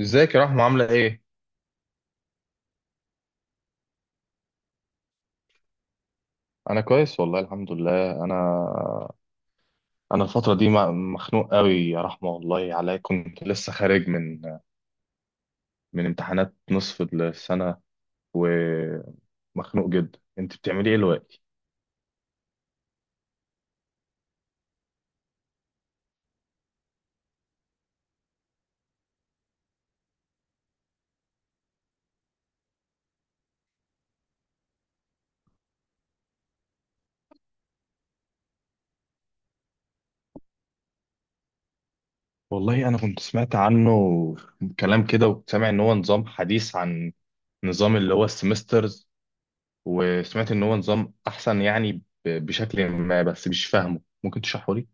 ازيك يا رحمة عاملة ايه؟ كويس والله الحمد لله انا الفترة دي مخنوق قوي يا رحمة، والله عليا كنت لسه خارج من امتحانات نصف السنة، ومخنوق جدا. انت بتعملي ايه دلوقتي؟ والله انا كنت سمعت عنه كلام كده، وكنت سامع ان هو نظام حديث عن نظام اللي هو السيمسترز، وسمعت ان هو نظام احسن يعني بشكل ما، بس مش فاهمه، ممكن تشرحه لي؟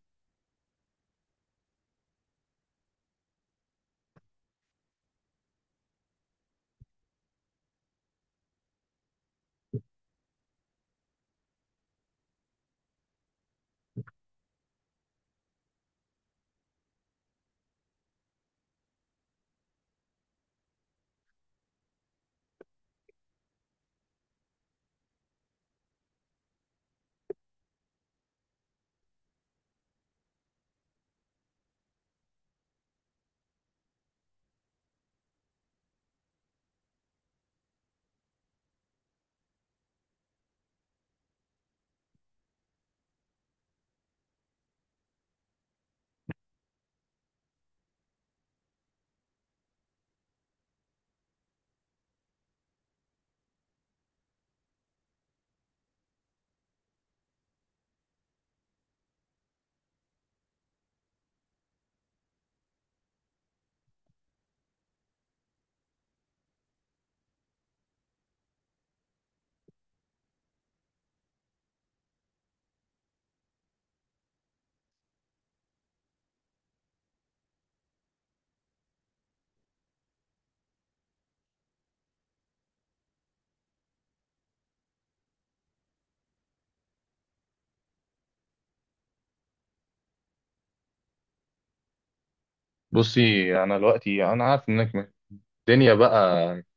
بصي، انا دلوقتي عارف انك الدنيا بقى،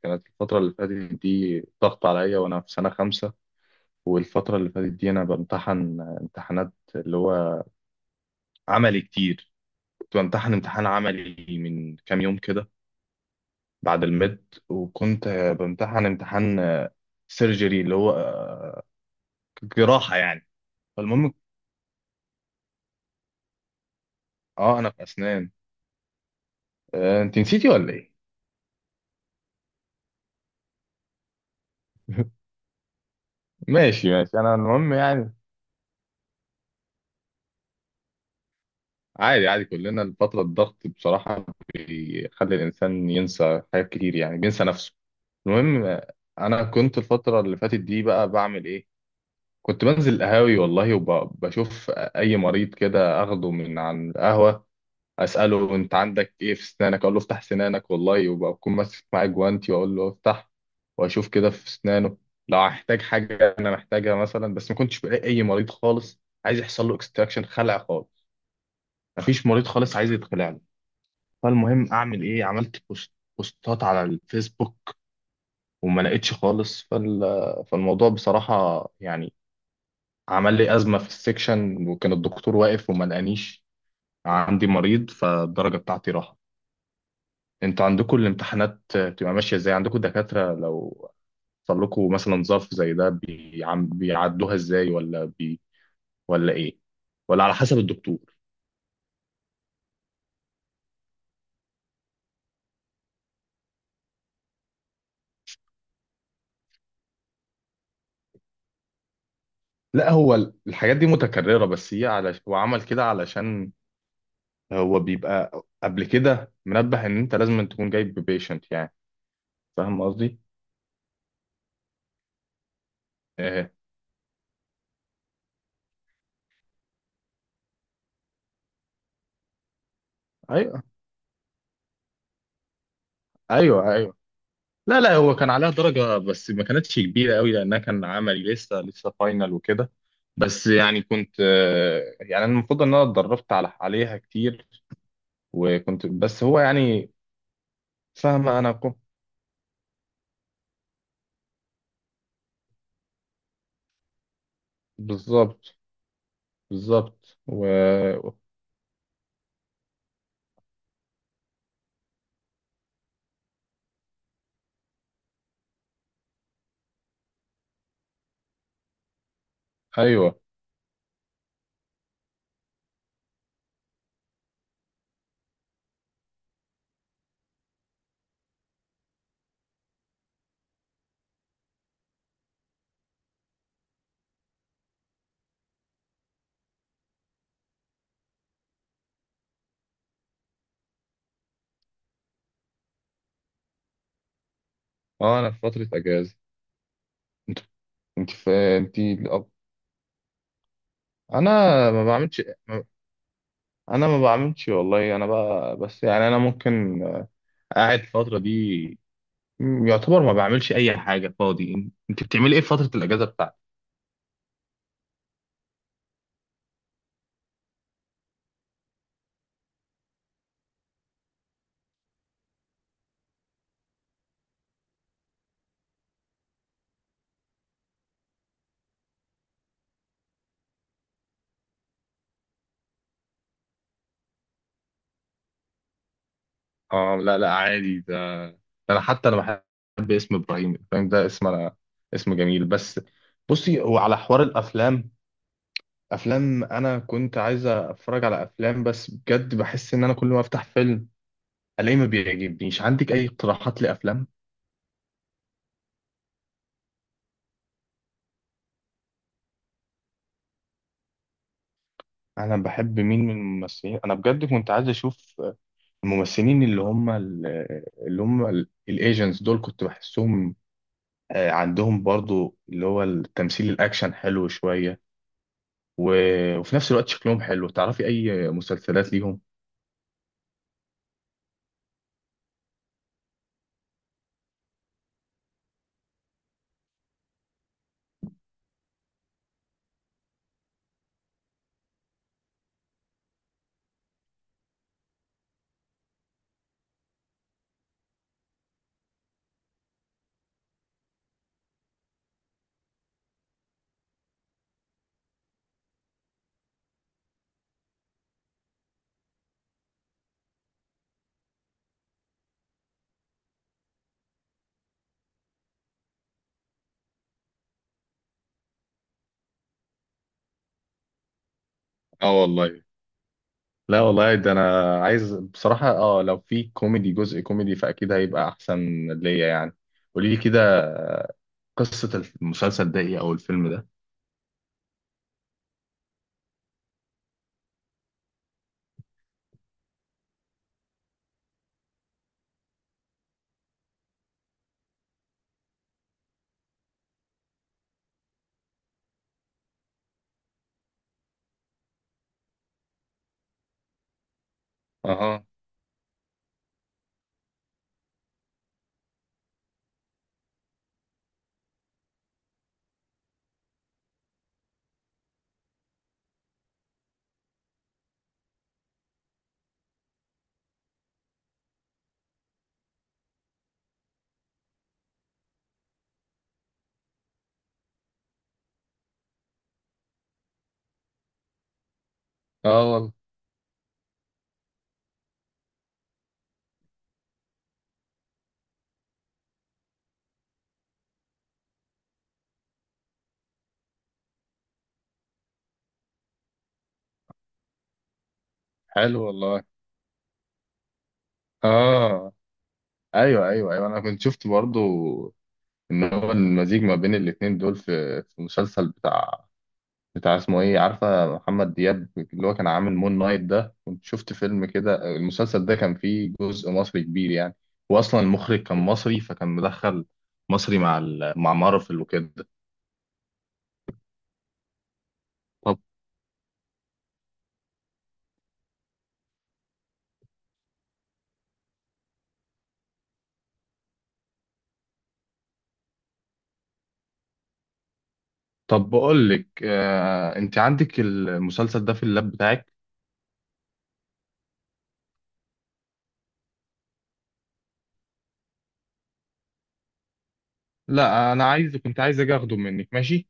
كانت الفترة اللي فاتت دي ضغط عليا وأنا في سنة خمسة. والفترة اللي فاتت دي أنا بمتحن امتحانات اللي هو عملي كتير. كنت بمتحن امتحان عملي من كام يوم كده بعد الميد، وكنت بمتحن امتحان سيرجري اللي هو جراحة يعني. فالمهم، اه أنا في أسنان. آه، أنت نسيتي ولا إيه؟ ماشي ماشي، أنا المهم يعني عادي عادي، كلنا الفترة الضغط بصراحة بيخلي الإنسان ينسى حاجات كتير، يعني بينسى نفسه. المهم، أنا كنت الفترة اللي فاتت دي بقى بعمل إيه؟ كنت بنزل القهاوي والله، وبشوف أي مريض كده أخده من عن القهوة، أسأله أنت عندك إيه في أسنانك، أقول له افتح سنانك والله، وبكون ماسك معاه جوانتي وأقول له افتح، وأشوف كده في أسنانه لو هحتاج حاجة أنا محتاجها مثلا. بس ما كنتش بلاقي أي مريض خالص عايز يحصل له اكستراكشن خلع خالص، مفيش مريض خالص عايز يتخلع له. فالمهم اعمل ايه، عملت بوستات على الفيسبوك، وما لقيتش خالص. فالموضوع بصراحة يعني عمل لي أزمة في السكشن، وكان الدكتور واقف وما لقانيش عندي مريض، فالدرجة بتاعتي راحت. انتوا عندكم الامتحانات بتبقى ماشية ازاي؟ عندكم دكاترة لو حصل لكم مثلا ظرف زي ده بيعدوها ازاي، ولا ايه، ولا على حسب الدكتور؟ لا هو الحاجات دي متكررة، هو عمل كده علشان هو بيبقى قبل كده منبه ان انت لازم تكون جايب بيشنت يعني، فاهم قصدي؟ ايه، ايوه ايوه ايوه. لا لا، هو كان عليها درجة بس ما كانتش كبيرة قوي لانها كان عملي لسه لسه فاينل وكده. بس يعني كنت، آه، يعني انا المفروض ان انا اتدربت عليها كتير، وكنت بس هو يعني فاهمة، انا كنت بالظبط بالظبط. ايوه، اه انا في فترة اجازة. انت في انت الأب. انا ما بعملش، ما انا ما بعملش والله، انا بقى بس يعني انا ممكن قاعد الفتره دي، يعتبر ما بعملش اي حاجه، فاضي. انت بتعملي ايه في فتره الاجازه بتاعتك؟ اه لا لا عادي ده، ده انا حتى انا بحب اسم ابراهيم، فاهم ده اسم، انا اسم جميل بس. بصي هو على حوار الافلام، افلام، انا كنت عايز اتفرج على افلام بس بجد بحس ان انا كل ما افتح فيلم الاقيه ما بيعجبنيش. عندك اي اقتراحات لافلام؟ انا بحب مين من الممثلين؟ انا بجد كنت عايز اشوف الممثلين اللي هم الايجنتس دول، كنت بحسهم، آه، عندهم برضو اللي هو التمثيل الاكشن حلو شوية، وفي نفس الوقت شكلهم حلو. تعرفي اي مسلسلات ليهم؟ اه والله، لا والله ده انا عايز بصراحة، اه لو في كوميدي جزء كوميدي فاكيد هيبقى احسن ليا يعني. قولي لي كده قصة المسلسل ده ايه او الفيلم ده. اها، اه والله. حلو والله. اه ايوه ايوه ايوه، انا كنت شفت برضو ان هو المزيج ما بين الاتنين دول في مسلسل بتاع اسمه ايه، عارفه محمد دياب اللي هو كان عامل مون نايت ده؟ كنت شفت فيلم كده، المسلسل ده كان فيه جزء مصري كبير يعني، واصلا المخرج كان مصري، فكان مدخل مصري مع مارفل وكده. طب طب بقول لك، آه انت عندك المسلسل ده في اللاب بتاعك؟ لا انا عايز، كنت عايز اجي اخده منك. ماشي.